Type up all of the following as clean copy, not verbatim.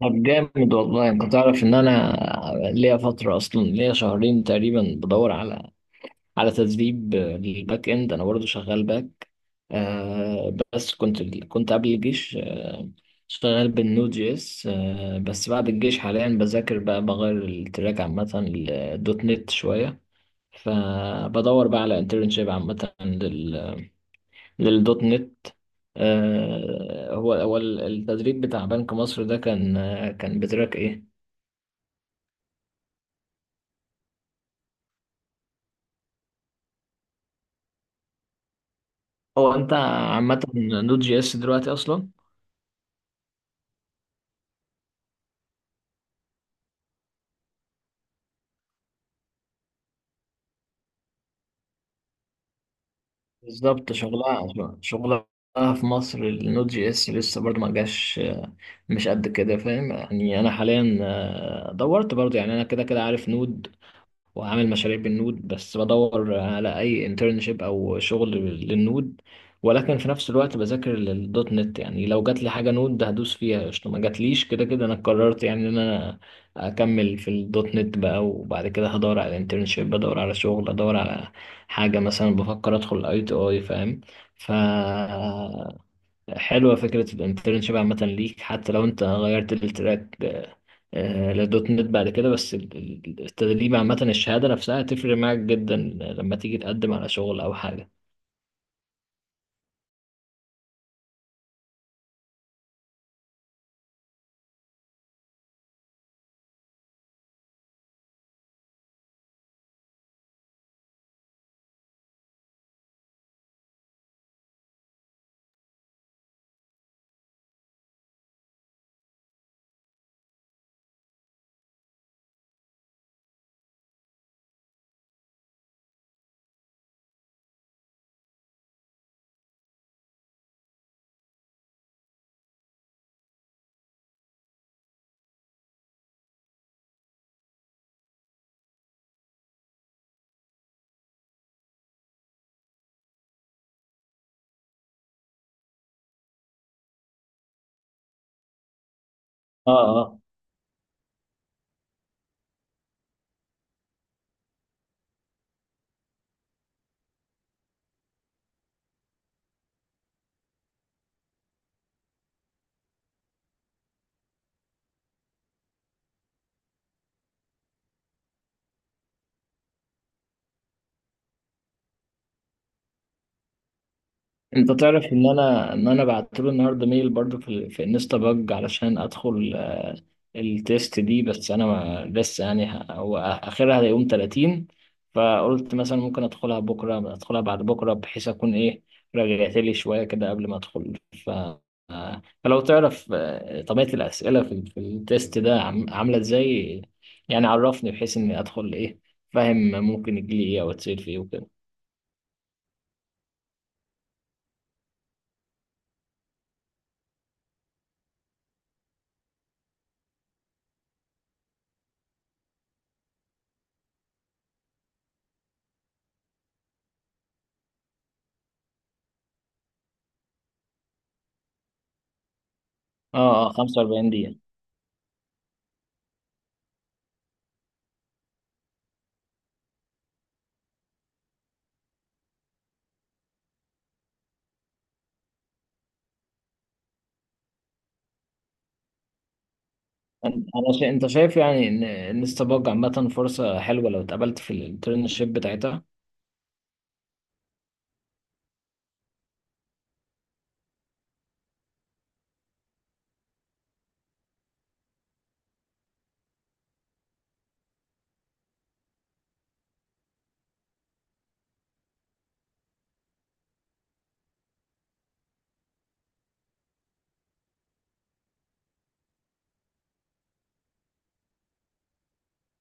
طب جامد والله، انت تعرف ان انا ليا فتره اصلا، ليا شهرين تقريبا بدور على تدريب للباك اند. انا برضو شغال باك، بس كنت قبل الجيش. شغال بالنود جي اس. بس بعد الجيش حاليا بذاكر بقى، بغير التراك عامه للدوت نت شويه. فبدور بقى على انترنشيب عامه، للدوت نت. هو التدريب بتاع بنك مصر ده كان، بتراك ايه؟ هو انت عامة نود جي اس دلوقتي اصلا؟ بالظبط. شغلها في مصر، النود جي اس لسه برضه ما جاش. مش قد كده، فاهم؟ يعني انا حاليا دورت برضه، يعني انا كده كده عارف نود وعامل مشاريع بالنود، بس بدور على اي انترنشيب او شغل للنود. ولكن في نفس الوقت بذاكر للدوت نت، يعني لو جات لي حاجه نود هدوس فيها قشطه، ما جاتليش كده كده انا قررت يعني ان انا اكمل في الدوت نت بقى. وبعد كده هدور على انترنشيب، بدور على شغل، ادور على حاجه، مثلا بفكر ادخل اي تي اي، فاهم؟ ف حلوة فكرة الانترنشيب عامة ليك، حتى لو انت غيرت التراك لدوت نت بعد كده. بس التدريب عامة، الشهادة نفسها هتفرق معاك جدا لما تيجي تقدم على شغل أو حاجة. اه، انت تعرف ان انا بعت له النهارده ميل برضو في في انستا باج علشان ادخل التيست دي. بس انا ما لسه يعني، هو اخرها يوم 30. فقلت مثلا ممكن ادخلها بكره، ادخلها بعد بكره، بحيث اكون ايه، رجعت لي شويه كده قبل ما ادخل. ف آه، فلو تعرف طبيعه الاسئله في في التيست ده عامله ازاي. يعني عرفني بحيث اني ادخل ايه، فاهم ممكن يجي لي ايه او اتسال في ايه وكده. اه اه، 45 دقيقه. انا انت شايف يعني ان انستا باج عامه فرصه حلوه لو اتقبلت في الانترنشيب بتاعتها؟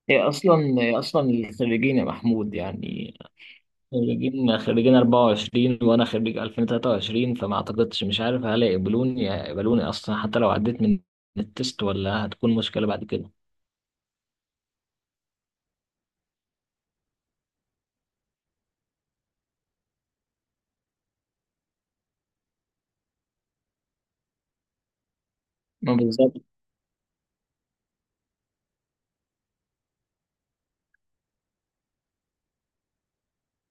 هي اصلا هي اصلا الخريجين يا محمود، يعني خريجين 24 وانا خريج 2023، فما اعتقدش، مش عارف هل يقبلوني، يقبلوني اصلا حتى لو عديت من التست، ولا هتكون مشكله بعد كده. ما بالظبط.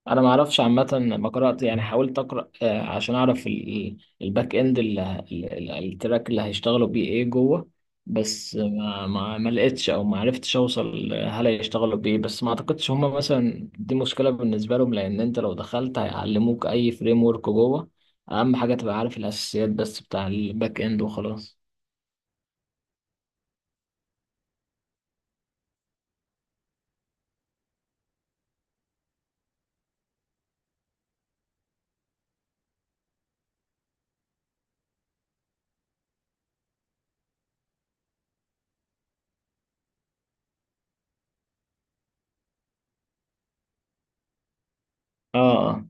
انا ما اعرفش عامه، ما قرات يعني، حاولت اقرا عشان اعرف الباك اند التراك اللي هيشتغلوا بيه ايه جوه. بس ما لقيتش او ما عرفتش اوصل هل هيشتغلوا بايه. بس ما اعتقدش هما مثلا دي مشكله بالنسبه لهم، لان انت لو دخلت هيعلموك اي فريم ورك جوه. اهم حاجه تبقى عارف الاساسيات بس بتاع الباك اند وخلاص. اه.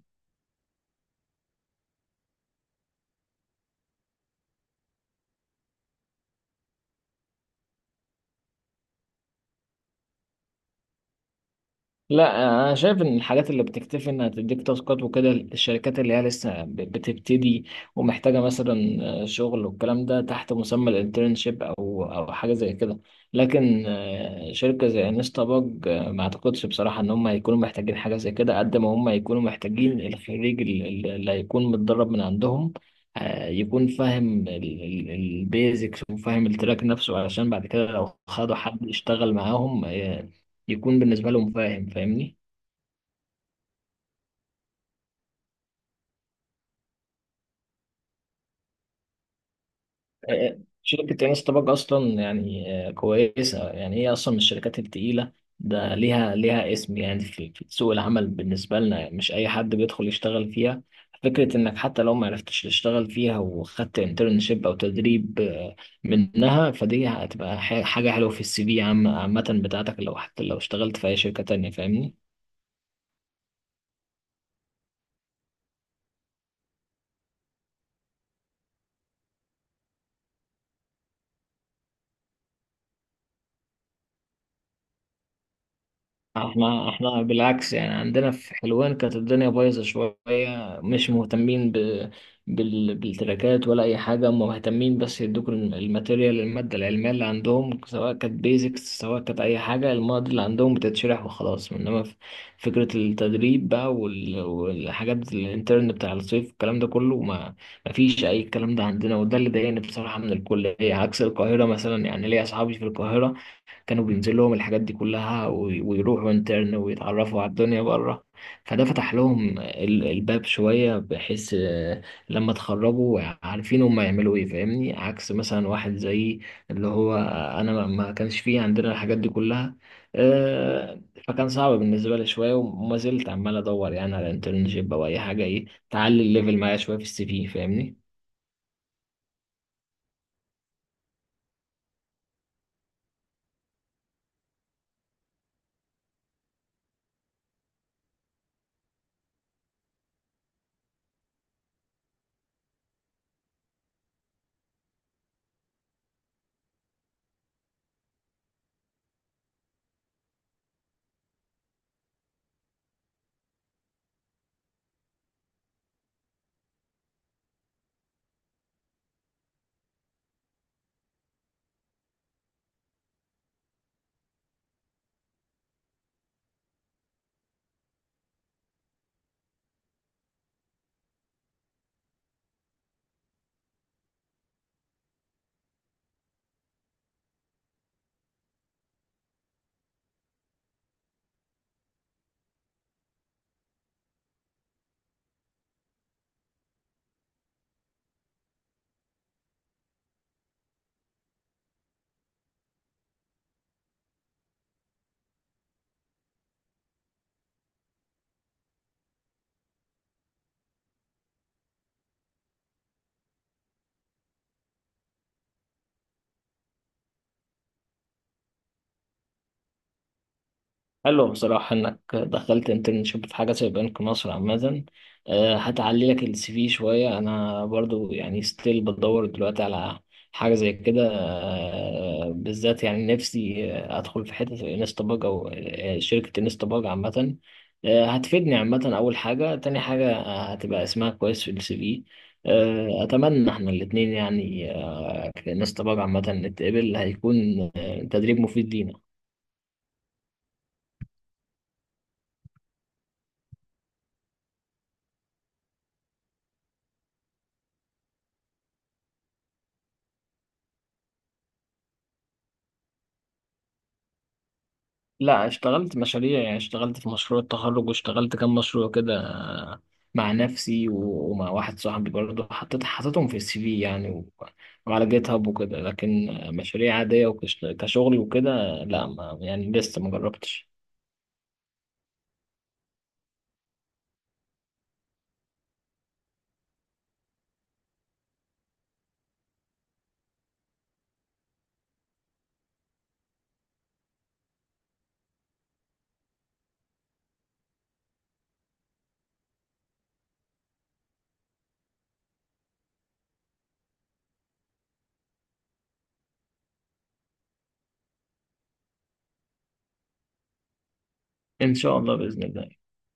لا، انا شايف ان الحاجات اللي بتكتفي انها تديك تاسكات وكده، الشركات اللي هي لسه بتبتدي ومحتاجه مثلا شغل والكلام ده تحت مسمى الانترنشيب او او حاجه زي كده. لكن شركه زي انستا باج، ما اعتقدش بصراحه ان هم هيكونوا محتاجين حاجه زي كده، قد ما هم هيكونوا محتاجين الخريج اللي هيكون متدرب من عندهم، يكون فاهم البيزكس وفاهم التراك نفسه، علشان بعد كده لو خدوا حد يشتغل معاهم يكون بالنسبة لهم فاهم، فاهمني. شركة انس طبق اصلا يعني كويسة، يعني هي اصلا من الشركات التقيلة. ده ليها اسم يعني في سوق العمل بالنسبة لنا، يعني مش اي حد بيدخل يشتغل فيها. فكرة انك حتى لو ما عرفتش تشتغل فيها وخدت انترنشيب او تدريب منها، فدي هتبقى حاجة حلوة في السي في عامة بتاعتك، لو حتى لو اشتغلت في اي شركة تانية، فاهمني. احنا بالعكس يعني، عندنا في حلوان كانت الدنيا بايظه شويه، مش مهتمين بالتراكات ولا اي حاجه. هم مهتمين بس يدوك الماتيريال، الماده العلميه اللي عندهم، سواء كانت بيزكس سواء كانت اي حاجه، المواد اللي عندهم بتتشرح وخلاص. انما فكره التدريب بقى والحاجات الانترن بتاع الصيف الكلام ده كله، ما فيش اي الكلام ده عندنا. وده اللي ضايقني بصراحه من الكليه، عكس القاهره مثلا. يعني ليا اصحابي في القاهره كانوا بينزل لهم الحاجات دي كلها ويروحوا انترن ويتعرفوا على الدنيا بره. فده فتح لهم الباب شوية، بحيث لما اتخرجوا عارفين هم يعملوا ايه، فاهمني. عكس مثلا واحد زي اللي هو انا، ما ما كانش فيه عندنا الحاجات دي كلها. آه، فكان صعب بالنسبة لي شوية، وما زلت عمال ادور يعني على انترنشيب او اي حاجة ايه تعلي الليفل معايا شوية في السي في، فاهمني. حلو بصراحة إنك دخلت انترنشيب في حاجة زي بنك مصر عامة. هتعلي لك السي في شوية. أنا برضو يعني ستيل بدور دلوقتي على حاجة زي كده بالذات، يعني نفسي أدخل في حتة انستا باج أو شركة انستا باج عامة. هتفيدني عامة أول حاجة. تاني حاجة هتبقى اسمها كويس في السي في. أتمنى إحنا الاتنين يعني كانستا باج عامة نتقبل، هيكون تدريب مفيد لينا. لا، اشتغلت مشاريع يعني، اشتغلت في مشروع التخرج، واشتغلت كام مشروع كده مع نفسي ومع واحد صاحبي برضه، حطيتهم في السي في يعني وعلى جيت هاب وكده. لكن مشاريع عادية وكشغل وكده، لا ما يعني لسه ما جربتش. ان شاء الله بإذن الله.